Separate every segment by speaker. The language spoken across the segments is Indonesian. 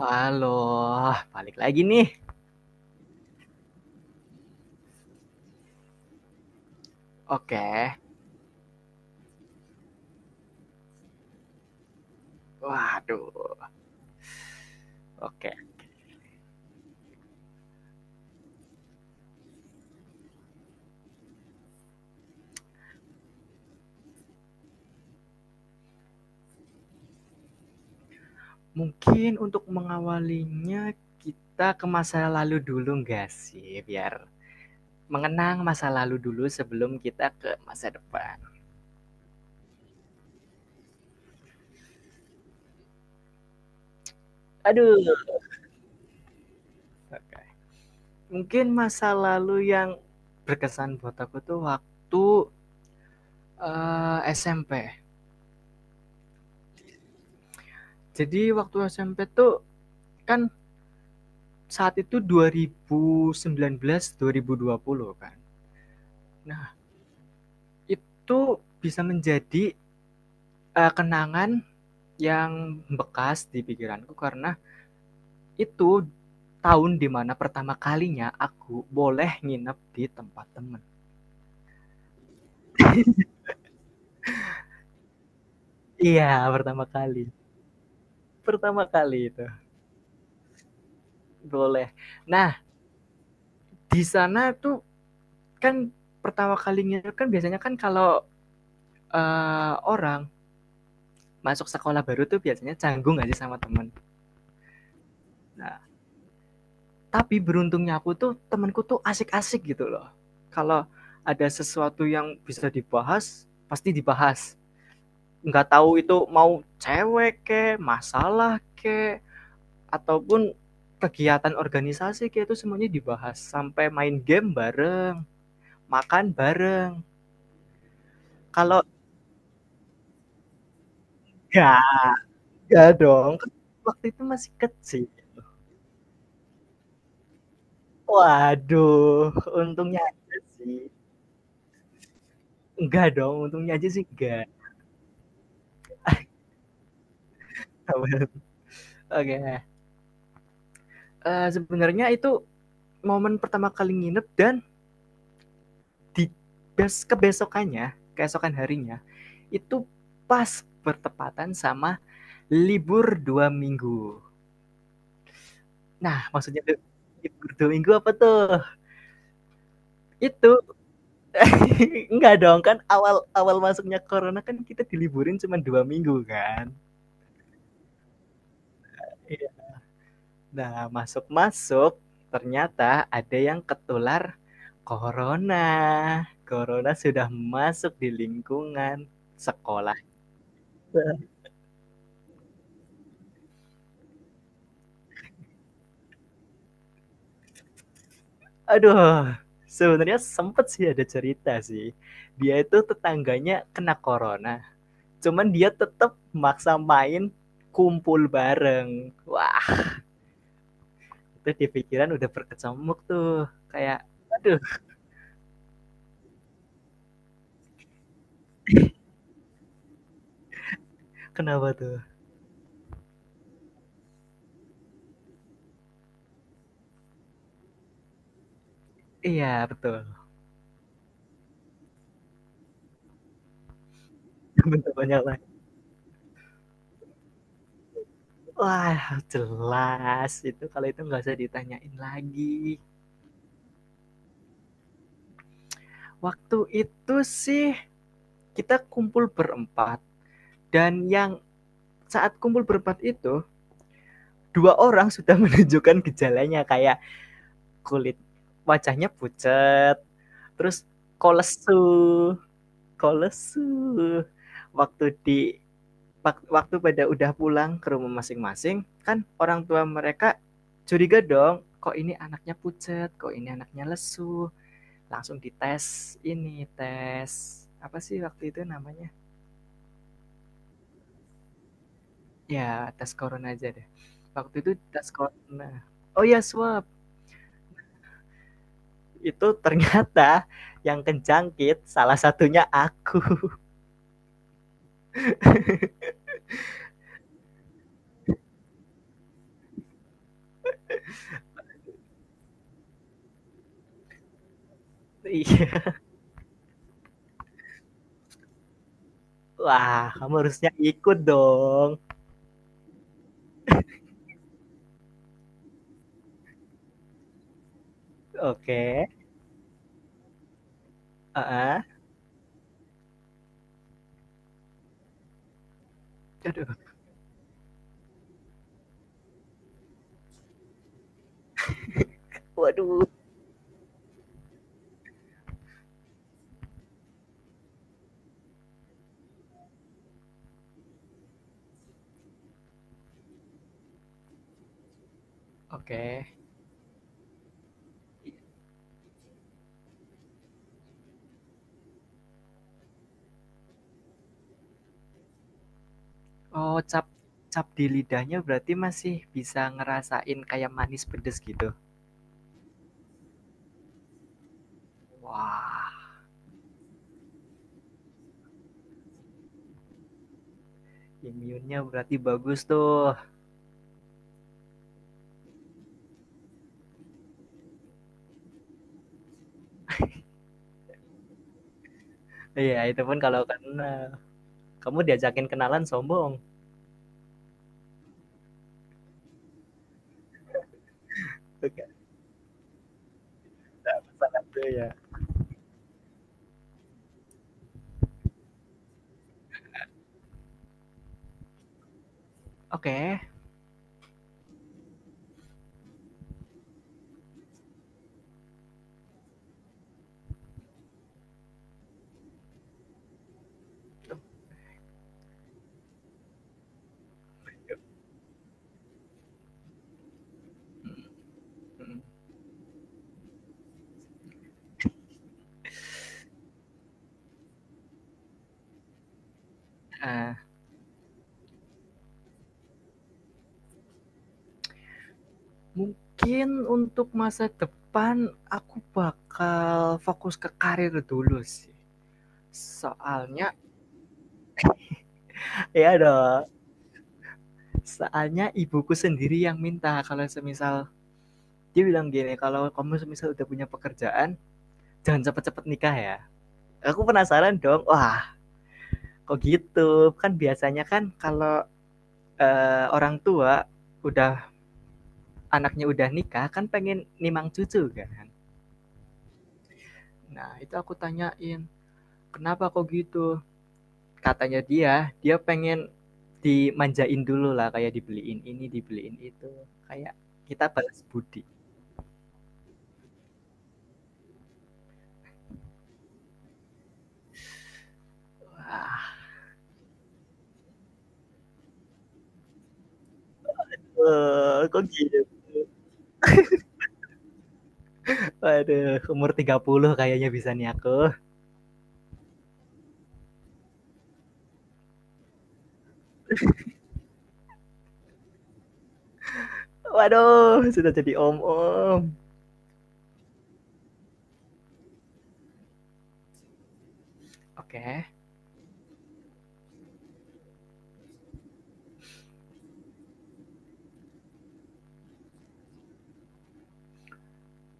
Speaker 1: Halo, balik lagi nih. Oke. Waduh, oke. Mungkin untuk mengawalinya kita ke masa lalu dulu nggak sih? Biar mengenang masa lalu dulu sebelum kita ke masa depan. Aduh, oke. Mungkin masa lalu yang berkesan buat aku tuh waktu SMP. Jadi waktu SMP tuh kan saat itu 2019 2020 kan. Nah, itu bisa menjadi kenangan yang bekas di pikiranku karena itu tahun dimana pertama kalinya aku boleh nginep di tempat temen. Iya, pertama kali. Pertama kali itu boleh. Nah, di sana tuh kan pertama kalinya kan biasanya kan kalau orang masuk sekolah baru tuh biasanya canggung aja sama temen. Nah, tapi beruntungnya aku tuh temanku tuh asik-asik gitu loh. Kalau ada sesuatu yang bisa dibahas, pasti dibahas. Nggak tahu itu mau cewek ke, masalah ke, ataupun kegiatan organisasi ke itu semuanya dibahas sampai main game bareng, makan bareng. Kalau ya, ya dong. Kan waktu itu masih kecil. Waduh, untungnya aja sih. Enggak dong, untungnya aja sih enggak. Oke. Okay. Sebenarnya itu momen pertama kali nginep dan di bes kebesokannya, keesokan harinya itu pas bertepatan sama libur 2 minggu. Nah, maksudnya libur 2 minggu apa tuh? Itu enggak dong, kan awal awal masuknya corona kan kita diliburin cuma 2 minggu kan. Iya. Nah, masuk-masuk ternyata ada yang ketular corona. Corona sudah masuk di lingkungan sekolah. Aduh, sebenarnya sempet sih ada cerita sih. Dia itu tetangganya kena corona, cuman dia tetap maksa main kumpul bareng. Wah, itu di pikiran udah berkecamuk tuh. Kayak, aduh, kenapa tuh? Iya, betul. Teman-temannya lain. Wah, jelas. Itu kalau itu nggak usah ditanyain lagi. Waktu itu sih kita kumpul berempat. Dan yang saat kumpul berempat itu, dua orang sudah menunjukkan gejalanya kayak kulit wajahnya pucat, terus kolesu, kolesu. Waktu di Waktu pada udah pulang ke rumah masing-masing, kan orang tua mereka curiga dong, kok ini anaknya pucat, kok ini anaknya lesu. Langsung dites ini, tes apa sih waktu itu namanya? Ya, tes corona aja deh. Waktu itu tes corona. Oh ya, swab. Itu ternyata yang kejangkit salah satunya aku. Wah, kamu harusnya ikut dong. Oke. Heeh. Aduh. Waduh. Oke. Okay. Oh, cap cap di lidahnya berarti masih bisa ngerasain kayak manis pedes gitu. Wah, imunnya berarti bagus tuh. Iya, itu pun kalau kena. Kamu diajakin kenalan sombong. Oke. Oke. Eh, mungkin untuk masa depan aku bakal fokus ke karir dulu sih. Soalnya ya dong, soalnya ibuku sendiri yang minta kalau semisal dia bilang gini, kalau kamu semisal udah punya pekerjaan, jangan cepet-cepet nikah ya. Aku penasaran dong, wah kok gitu? Kan biasanya kan kalau orang tua udah anaknya udah nikah kan pengen nimang cucu kan. Nah, itu aku tanyain, kenapa kok gitu? Katanya dia dia pengen dimanjain dulu lah kayak dibeliin ini dibeliin itu kayak kita balas budi. Wah, Wah, kok gitu? Waduh, umur 30 kayaknya bisa nih aku. Waduh, sudah jadi om-om. Oke. Okay.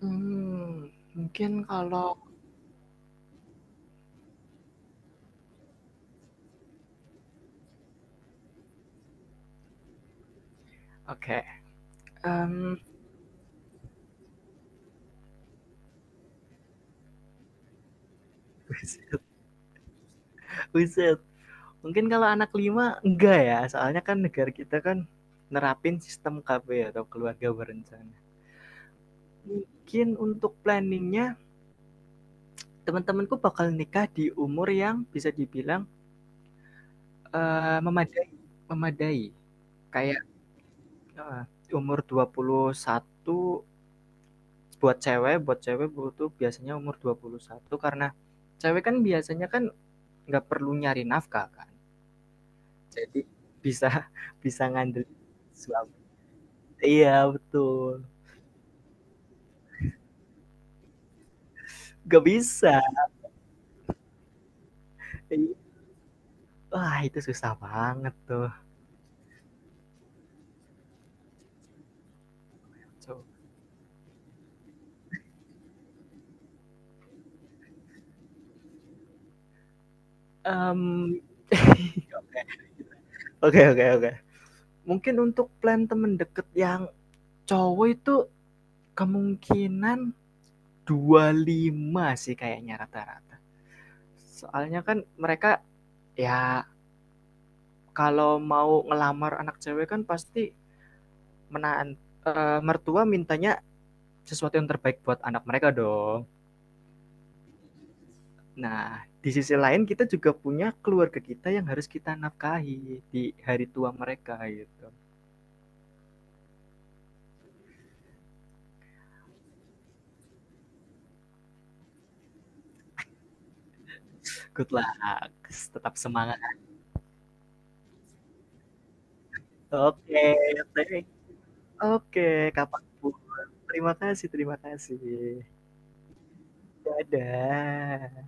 Speaker 1: Hmm, mungkin kalau oke. Em, buset. Mungkin kalau anak lima enggak ya, soalnya kan negara kita kan nerapin sistem KB atau keluarga berencana. Mungkin untuk planningnya teman-temanku bakal nikah di umur yang bisa dibilang memadai, memadai. Kayak eh, umur 21 buat cewek butuh biasanya umur 21 karena cewek kan biasanya kan nggak perlu nyari nafkah kan. Jadi bisa bisa ngandel suami. Iya, betul. Nggak bisa. Wah, itu susah banget tuh. So, oke, oke, oke. Mungkin untuk plan temen deket yang cowok itu kemungkinan 25 sih kayaknya rata-rata. Soalnya kan mereka ya kalau mau ngelamar anak cewek kan pasti menahan mertua mintanya sesuatu yang terbaik buat anak mereka dong. Nah, di sisi lain kita juga punya keluarga kita yang harus kita nafkahi di hari tua mereka gitu. Good luck, tetap semangat. Oke, thank- oke, okay. Kapan terima kasih, terima kasih. Dadah.